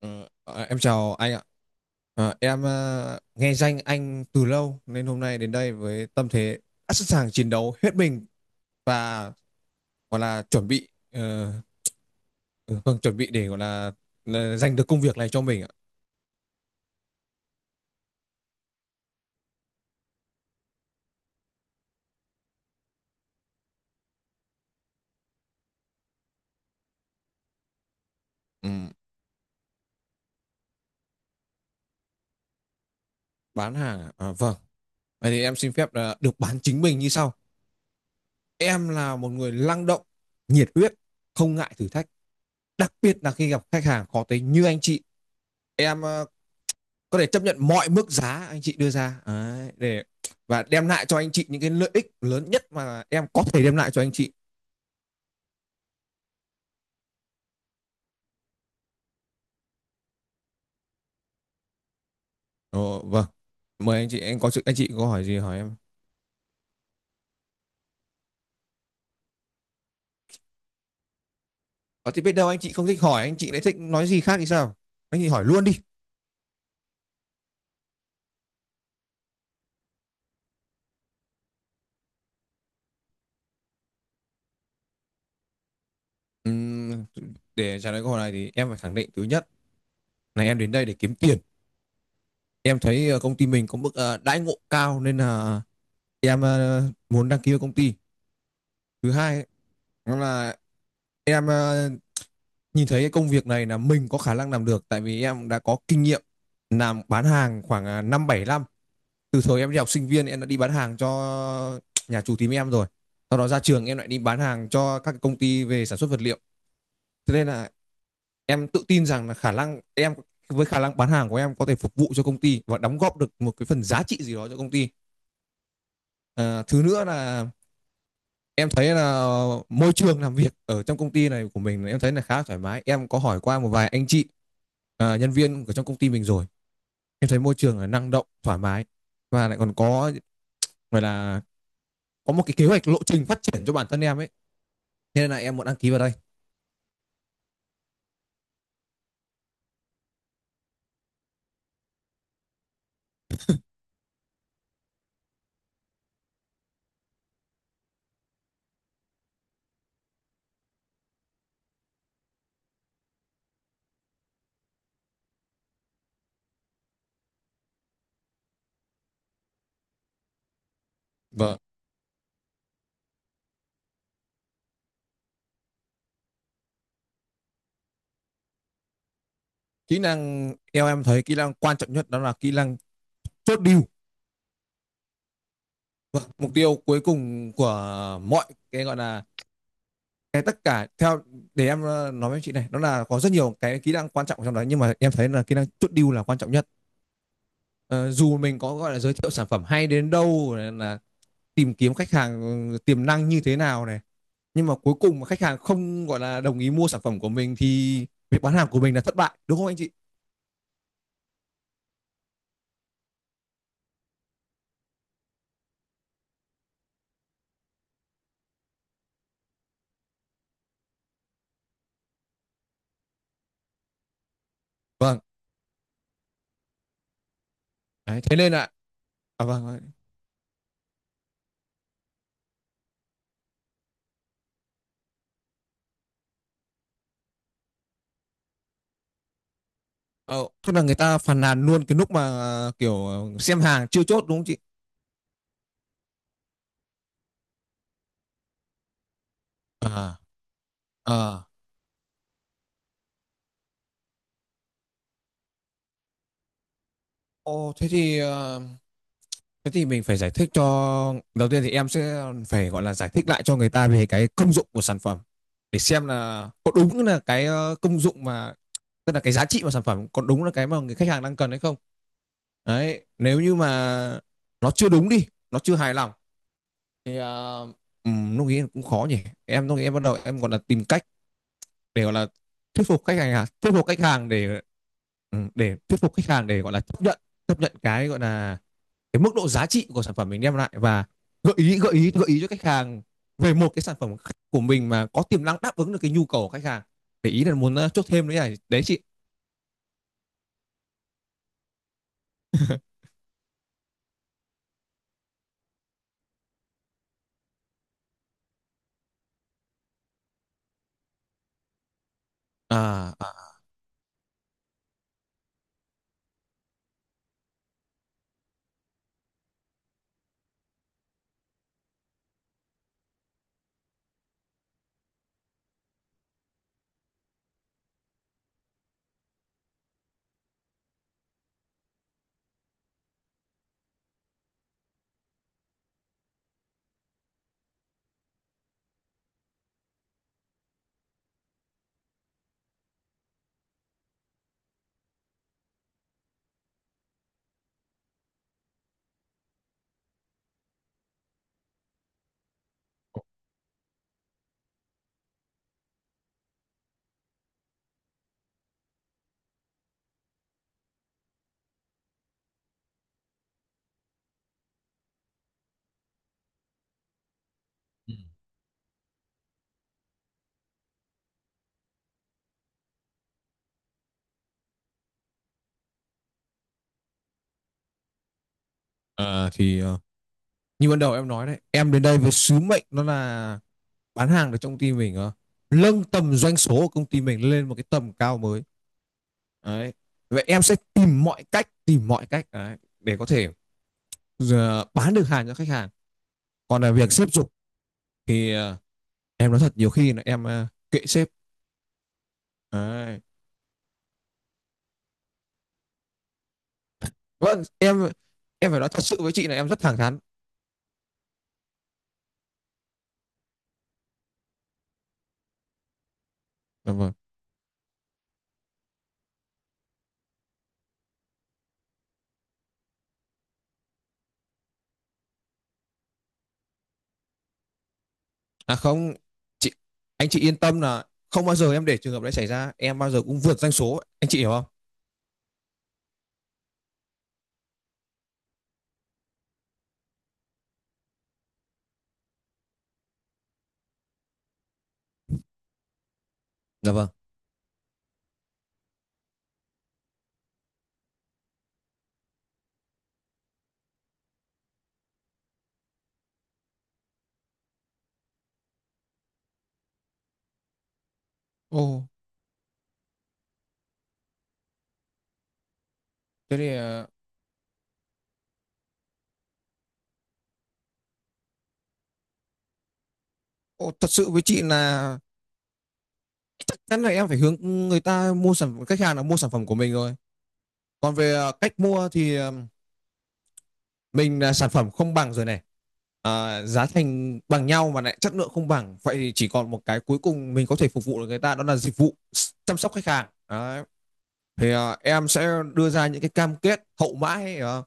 Em chào anh ạ. Em nghe danh anh từ lâu nên hôm nay đến đây với tâm thế đã sẵn sàng chiến đấu hết mình và gọi là chuẩn bị ừ, vâng, chuẩn bị để gọi là giành được công việc này cho mình ạ. Ừm, bán hàng à? À, vâng. Vậy thì em xin phép là được bán chính mình như sau. Em là một người năng động, nhiệt huyết, không ngại thử thách, đặc biệt là khi gặp khách hàng khó tính như anh chị. Em có thể chấp nhận mọi mức giá anh chị đưa ra. Đấy, để và đem lại cho anh chị những cái lợi ích lớn nhất mà em có thể đem lại cho anh chị. Ồ, vâng, mời anh chị, em có sự anh chị có hỏi gì hỏi em, có thì biết đâu anh chị không thích hỏi, anh chị lại thích nói gì khác thì sao. Anh chị hỏi luôn đi. Ừm, để trả lời câu hỏi này thì em phải khẳng định. Thứ nhất là em đến đây để kiếm tiền, em thấy công ty mình có mức đãi ngộ cao nên là em muốn đăng ký vào công ty. Thứ hai đó là em nhìn thấy cái công việc này là mình có khả năng làm được, tại vì em đã có kinh nghiệm làm bán hàng khoảng năm bảy năm. Từ thời em đi học sinh viên em đã đi bán hàng cho nhà chủ tím em rồi, sau đó ra trường em lại đi bán hàng cho các công ty về sản xuất vật liệu. Thế nên là em tự tin rằng là khả năng bán hàng của em có thể phục vụ cho công ty và đóng góp được một cái phần giá trị gì đó cho công ty. À, thứ nữa là em thấy là môi trường làm việc ở trong công ty này của mình, em thấy là khá thoải mái, em có hỏi qua một vài anh chị nhân viên của trong công ty mình rồi. Em thấy môi trường là năng động, thoải mái và lại còn có gọi là có một cái kế hoạch lộ trình phát triển cho bản thân em ấy. Thế nên là em muốn đăng ký vào đây. Vâng, kỹ năng theo em thấy kỹ năng quan trọng nhất đó là kỹ năng chốt deal. Vâng, mục tiêu cuối cùng của mọi cái gọi là cái tất cả theo để em nói với chị này, đó là có rất nhiều cái kỹ năng quan trọng trong đó nhưng mà em thấy là kỹ năng chốt deal là quan trọng nhất. Ờ, dù mình có gọi là giới thiệu sản phẩm hay đến đâu, là tìm kiếm khách hàng tiềm năng như thế nào này, nhưng mà cuối cùng mà khách hàng không gọi là đồng ý mua sản phẩm của mình thì việc bán hàng của mình là thất bại, đúng không anh chị? Vâng. Đấy, thế nên là à, vâng vâng. ờ, Tức là người ta phàn nàn luôn cái lúc mà kiểu xem hàng chưa chốt, đúng không chị? À, à, ồ thế thì thế thì mình phải giải thích cho đầu tiên thì em sẽ phải gọi là giải thích lại cho người ta về cái công dụng của sản phẩm, để xem là có đúng là cái công dụng mà tức là cái giá trị mà sản phẩm có đúng là cái mà người khách hàng đang cần hay không. Đấy, nếu như mà nó chưa đúng đi, nó chưa hài lòng thì lúc ấy cũng khó nhỉ. Em lúc ấy em bắt đầu em gọi là tìm cách để gọi là thuyết phục khách hàng à? Thuyết phục khách hàng để ừ, để thuyết phục khách hàng để gọi là chấp nhận, chấp nhận cái gọi là cái mức độ giá trị của sản phẩm mình đem lại, và gợi ý cho khách hàng về một cái sản phẩm của mình mà có tiềm năng đáp ứng được cái nhu cầu của khách hàng, để ý là muốn chốt thêm nữa này, đấy chị. À, à, à thì ờ, như ban đầu em nói đấy, em đến đây với sứ mệnh nó là bán hàng được trong công ty mình, nâng tầm doanh số của công ty mình lên một cái tầm cao mới. Đấy. Vậy em sẽ tìm mọi cách đấy, để có thể ờ, bán được hàng cho khách hàng. Còn là việc xếp dục thì em nói thật, nhiều khi là em kệ sếp. Đấy. Vâng, em phải nói thật sự với chị là em rất thẳng thắn. Dạ vâng. À không, chị anh chị yên tâm là không bao giờ em để trường hợp đấy xảy ra, em bao giờ cũng vượt doanh số, anh chị hiểu không? Dạ vâng. Ồ, thế thì ồ, thật sự với chị là chắc chắn là em phải hướng người ta mua sản khách hàng là mua sản phẩm của mình rồi. Còn về cách mua thì mình là sản phẩm không bằng rồi này, à, giá thành bằng nhau mà lại chất lượng không bằng, vậy thì chỉ còn một cái cuối cùng mình có thể phục vụ được người ta đó là dịch vụ chăm sóc khách hàng. Đấy. Thì à, em sẽ đưa ra những cái cam kết hậu mãi, à,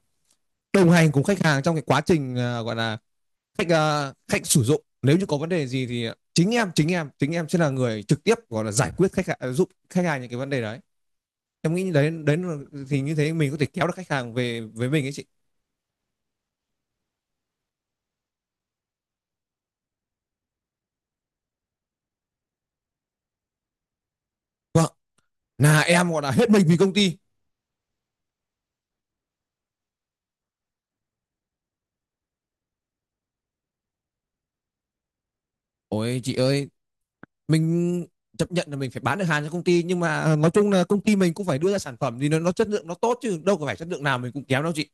đồng hành cùng khách hàng trong cái quá trình à, gọi là khách sử dụng nếu như có vấn đề gì thì chính em sẽ là người trực tiếp gọi là giải quyết khách hàng giúp khách hàng những cái vấn đề đấy. Em nghĩ đấy đấy thì như thế mình có thể kéo được khách hàng về với mình ấy chị. Vâng, là em gọi là hết mình vì công ty. Ôi chị ơi, mình chấp nhận là mình phải bán được hàng cho công ty, nhưng mà nói chung là công ty mình cũng phải đưa ra sản phẩm thì nó chất lượng nó tốt, chứ đâu có phải chất lượng nào mình cũng kém đâu chị.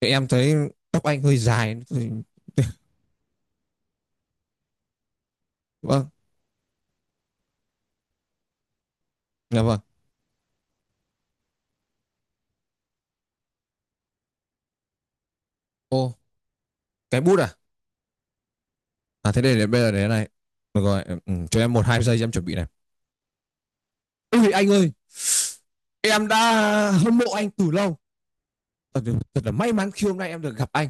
Thì em thấy tóc anh hơi dài. Thì- Vâng, dạ vâng. Ô, cái bút à? À thế đây, để bây giờ để này. Được rồi, em- ừ, cho em một hai giây em chuẩn bị này. Ôi anh ơi, em đã hâm mộ anh từ lâu. Thật, là may mắn khi hôm nay em được gặp anh.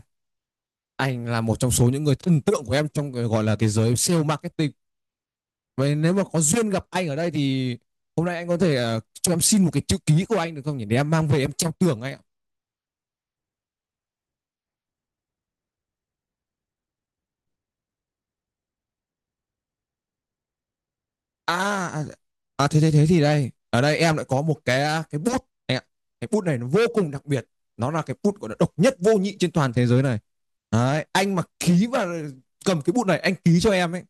Anh là một trong số những người thần tượng của em trong gọi là cái giới sale marketing. Vậy nếu mà có duyên gặp anh ở đây thì hôm nay anh có thể cho em xin một cái chữ ký của anh được không nhỉ? Để em mang về em treo tường anh ạ. À, à, thế thế thế thì đây. Ở đây em lại có một cái à, cái bút anh ạ. Cái bút này nó vô cùng đặc biệt. Nó là cái bút của nó độc nhất vô nhị trên toàn thế giới này. Đấy, anh mà ký và cầm cái bút này, anh ký cho em ấy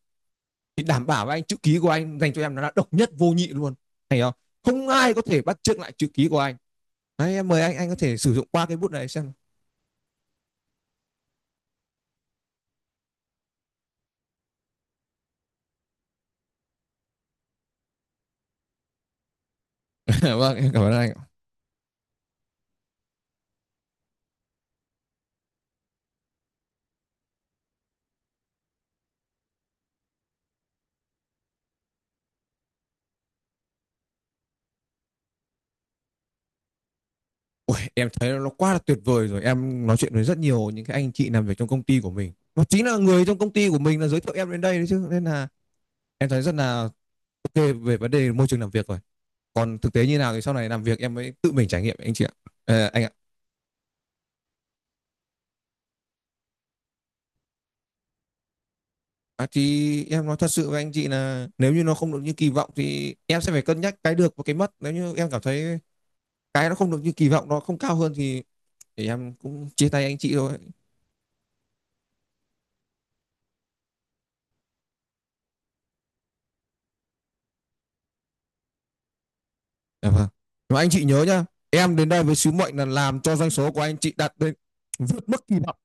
thì đảm bảo với anh chữ ký của anh dành cho em nó là độc nhất vô nhị luôn. Thấy không? Không ai có thể bắt chước lại chữ ký của anh. Đấy, em mời anh có thể sử dụng qua cái bút này xem. Vâng, em cảm ơn anh. Ui, em thấy nó quá là tuyệt vời rồi. Em nói chuyện với rất nhiều những cái anh chị làm việc trong công ty của mình. Và chính là người trong công ty của mình là giới thiệu em đến đây đấy chứ. Nên là em thấy rất là ok về vấn đề môi trường làm việc rồi. Còn thực tế như nào thì sau này làm việc em mới tự mình trải nghiệm anh chị ạ. Ờ, anh ạ. À, thì em nói thật sự với anh chị là nếu như nó không được như kỳ vọng thì em sẽ phải cân nhắc cái được và cái mất. Nếu như em cảm thấy cái nó không được như kỳ vọng, nó không cao hơn thì em cũng chia tay anh chị thôi. Dạ vâng. Mà anh chị nhớ nhá, em đến đây với sứ mệnh là làm cho doanh số của anh chị đạt đến vượt mức kỳ vọng.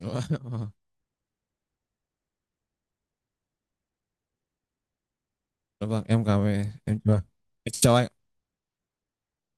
Dạ vâng, Dạ vâng, em cảm ơn em. Dạ vâng. Em chào anh.